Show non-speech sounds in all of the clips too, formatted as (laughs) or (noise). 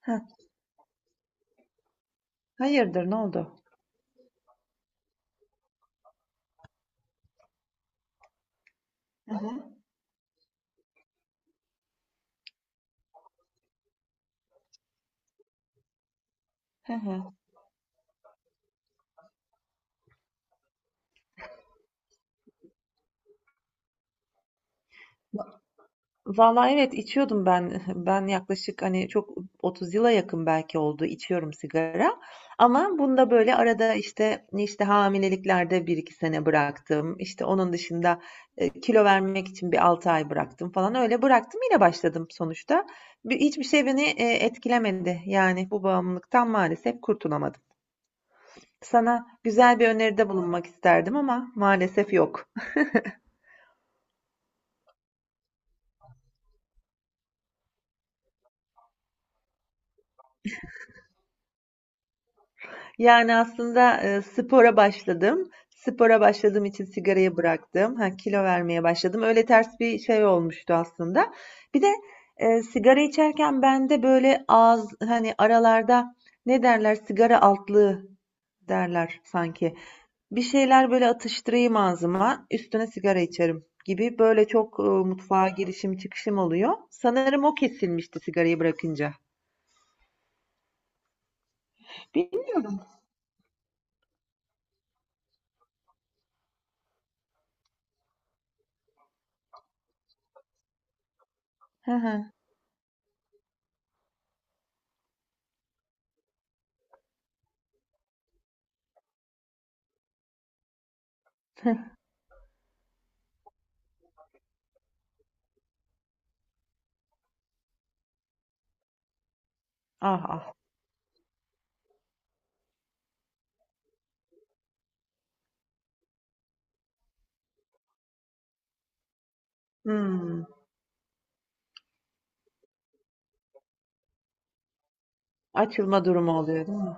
Heh, hayırdır, ne oldu? Hı hı. Hı hı. Vallahi evet içiyordum ben. (laughs) Ben yaklaşık hani çok 30 yıla yakın belki oldu içiyorum sigara. Ama bunda böyle arada işte hamileliklerde bir iki sene bıraktım. İşte onun dışında kilo vermek için bir 6 ay bıraktım falan öyle bıraktım yine başladım sonuçta. Hiçbir şey beni etkilemedi. Yani bu bağımlılıktan maalesef kurtulamadım. Sana güzel bir öneride bulunmak isterdim ama maalesef yok. Yani aslında, spora başladım. Spora başladığım için sigarayı bıraktım. Ha, kilo vermeye başladım. Öyle ters bir şey olmuştu aslında. Bir de, sigara içerken bende böyle ağız, hani, aralarda ne derler, sigara altlığı derler sanki. Bir şeyler böyle atıştırayım ağzıma, üstüne sigara içerim gibi böyle çok, mutfağa girişim çıkışım oluyor. Sanırım o kesilmişti sigarayı bırakınca. Bilmiyorum. Hı hı. (laughs) Ah ah. Hıı. Açılma durumu oluyor, değil mi?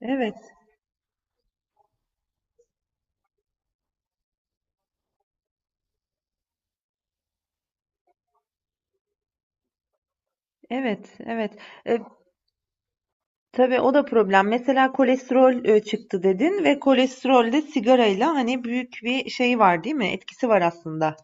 Evet, evet, evet. E, tabii o da problem. Mesela kolesterol çıktı dedin ve kolesterolde sigarayla hani büyük bir şey var, değil mi? Etkisi var aslında.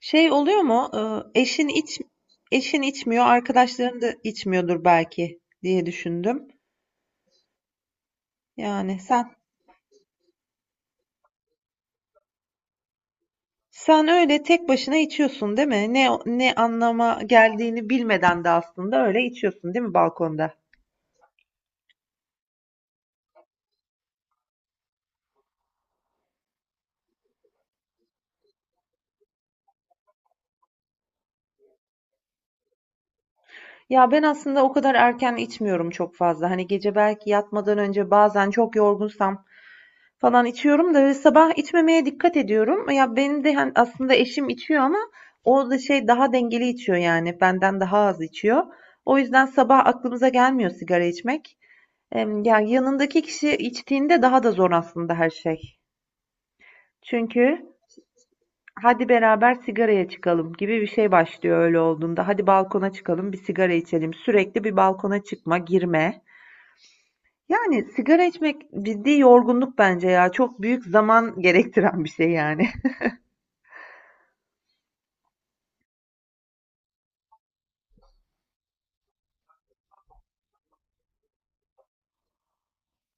Şey oluyor mu? E, eşin iç Eşin içmiyor, arkadaşların da içmiyordur belki diye düşündüm. Yani sen öyle tek başına içiyorsun, değil mi? Ne anlama geldiğini bilmeden de aslında öyle içiyorsun, değil mi balkonda? Ya ben aslında o kadar erken içmiyorum çok fazla. Hani gece belki yatmadan önce bazen çok yorgunsam falan içiyorum da böyle sabah içmemeye dikkat ediyorum. Ya benim de hani aslında eşim içiyor ama o da şey daha dengeli içiyor yani benden daha az içiyor. O yüzden sabah aklımıza gelmiyor sigara içmek. Ya yanındaki kişi içtiğinde daha da zor aslında her şey. Çünkü hadi beraber sigaraya çıkalım gibi bir şey başlıyor öyle olduğunda. Hadi balkona çıkalım, bir sigara içelim. Sürekli bir balkona çıkma, girme. Yani sigara içmek ciddi yorgunluk bence ya. Çok büyük zaman (laughs) gerektiren bir şey yani.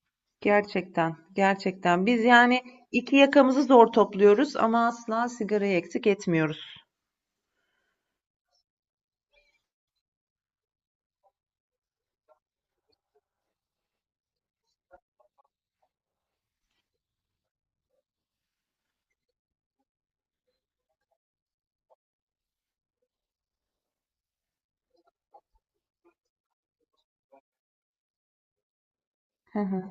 (laughs) Gerçekten, gerçekten. Biz yani iki yakamızı zor topluyoruz ama asla sigarayı eksik etmiyoruz. Hı hı.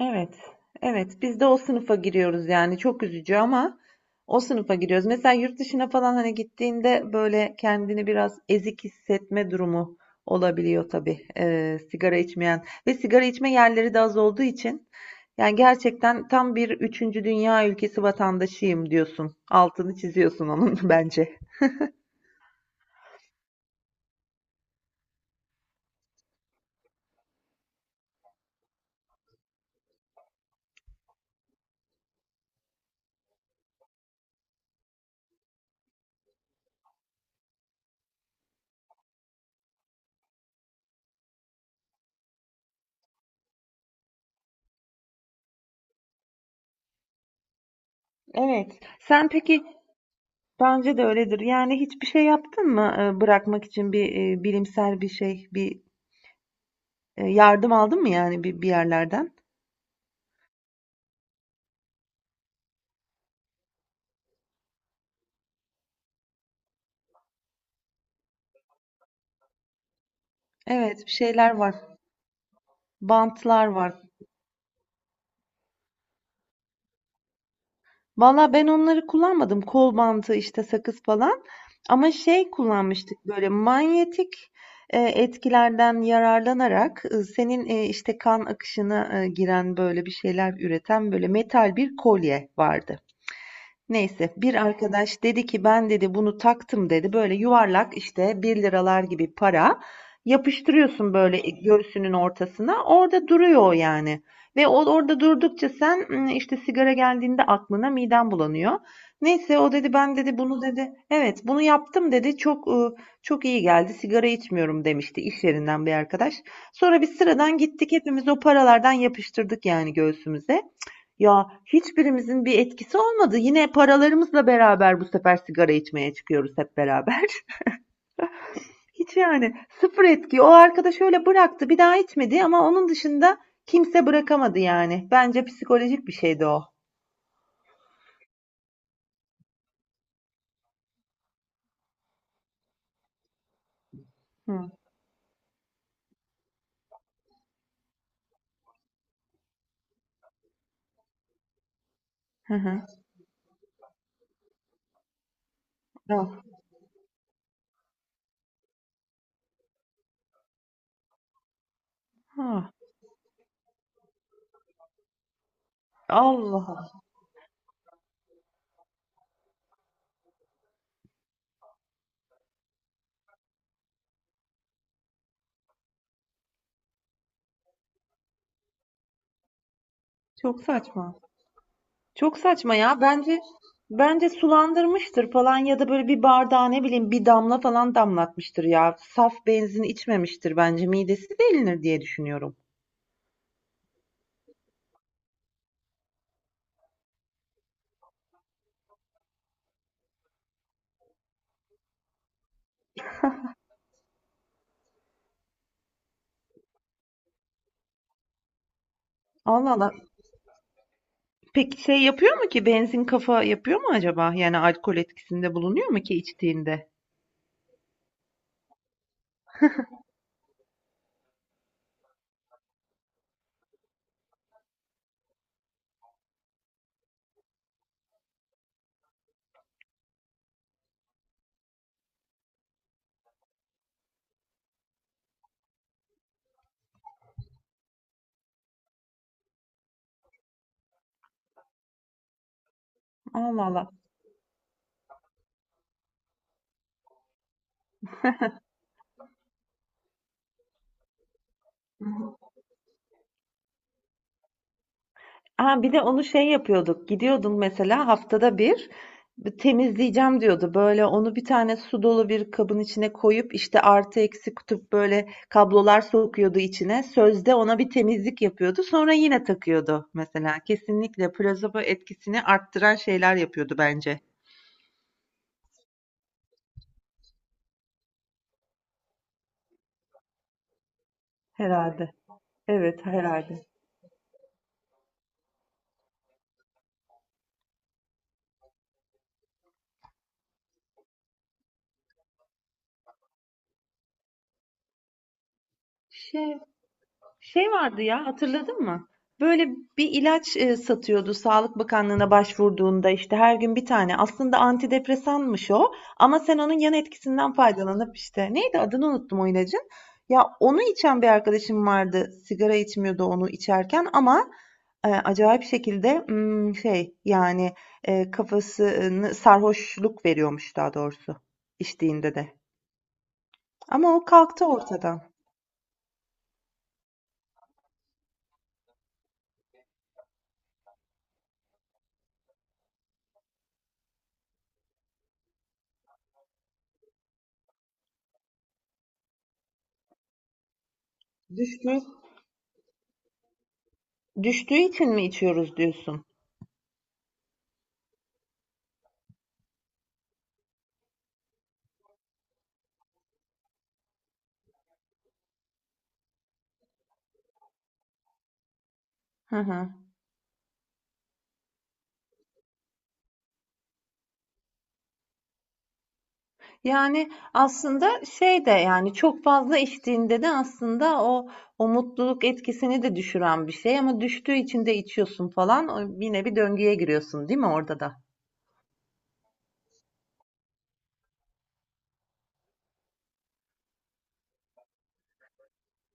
Evet, evet. Biz de o sınıfa giriyoruz yani çok üzücü ama o sınıfa giriyoruz. Mesela yurt dışına falan hani gittiğinde böyle kendini biraz ezik hissetme durumu olabiliyor tabii. Sigara içmeyen ve sigara içme yerleri de az olduğu için yani gerçekten tam bir üçüncü dünya ülkesi vatandaşıyım diyorsun. Altını çiziyorsun onun (laughs) bence. Evet. Sen peki bence de öyledir. Yani hiçbir şey yaptın mı bırakmak için bir bilimsel bir şey, yardım aldın mı yani bir yerlerden? Evet, bir şeyler var. Bantlar var. Valla ben onları kullanmadım. Kol bantı işte sakız falan. Ama şey kullanmıştık böyle manyetik etkilerden yararlanarak senin işte kan akışına giren böyle bir şeyler üreten böyle metal bir kolye vardı. Neyse bir arkadaş dedi ki ben dedi bunu taktım dedi. Böyle yuvarlak işte bir liralar gibi para yapıştırıyorsun böyle göğsünün ortasına. Orada duruyor o yani. Ve o orada durdukça sen işte sigara geldiğinde aklına miden bulanıyor. Neyse o dedi ben dedi bunu dedi evet bunu yaptım dedi çok çok iyi geldi sigara içmiyorum demişti iş yerinden bir arkadaş. Sonra biz sıradan gittik hepimiz o paralardan yapıştırdık yani göğsümüze. Ya hiçbirimizin bir etkisi olmadı. Yine paralarımızla beraber bu sefer sigara içmeye çıkıyoruz hep beraber. (laughs) Hiç yani sıfır etki. O arkadaş öyle bıraktı, bir daha içmedi ama onun dışında kimse bırakamadı yani. Bence psikolojik bir şeydi o. Hı. Hı hı. Ah. Ah. Allah. Çok saçma. Çok saçma ya. Bence sulandırmıştır falan ya da böyle bir bardağa ne bileyim bir damla falan damlatmıştır ya. Saf benzin içmemiştir bence. Midesi delinir diye düşünüyorum. Allah Allah. Peki şey yapıyor mu ki benzin kafa yapıyor mu acaba? Yani alkol etkisinde bulunuyor mu ki içtiğinde? Allah Allah. Aa, bir de onu şey yapıyorduk. Gidiyordun mesela haftada bir temizleyeceğim diyordu. Böyle onu bir tane su dolu bir kabın içine koyup işte artı eksi kutup böyle kablolar sokuyordu içine. Sözde ona bir temizlik yapıyordu. Sonra yine takıyordu mesela. Kesinlikle plasebo etkisini arttıran şeyler yapıyordu bence. Herhalde. Evet, herhalde. Şey Şey vardı ya hatırladın mı? Böyle bir ilaç satıyordu Sağlık Bakanlığı'na başvurduğunda işte her gün bir tane. Aslında antidepresanmış o ama sen onun yan etkisinden faydalanıp işte neydi adını unuttum o ilacın. Ya onu içen bir arkadaşım vardı. Sigara içmiyordu onu içerken ama acayip şekilde kafasını sarhoşluk veriyormuş daha doğrusu içtiğinde de. Ama o kalktı ortadan. Düştüğü, düştüğü için mi içiyoruz diyorsun? Hı hı. Yani, aslında şey de, yani, çok fazla içtiğinde de aslında o mutluluk etkisini de düşüren bir şey ama düştüğü için de içiyorsun falan. O yine bir döngüye giriyorsun, değil mi orada da?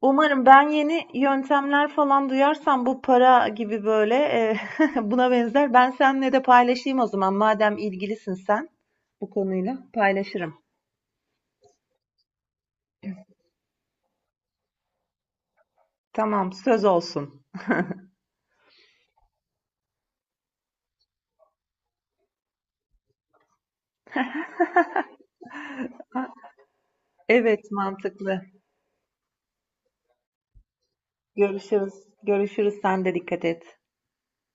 Umarım ben yeni yöntemler falan duyarsam bu para gibi böyle, (laughs) buna benzer ben seninle de paylaşayım o zaman madem ilgilisin sen bu konuyla paylaşırım. Tamam, söz olsun. Evet, mantıklı. Görüşürüz. Görüşürüz. Sen de dikkat et.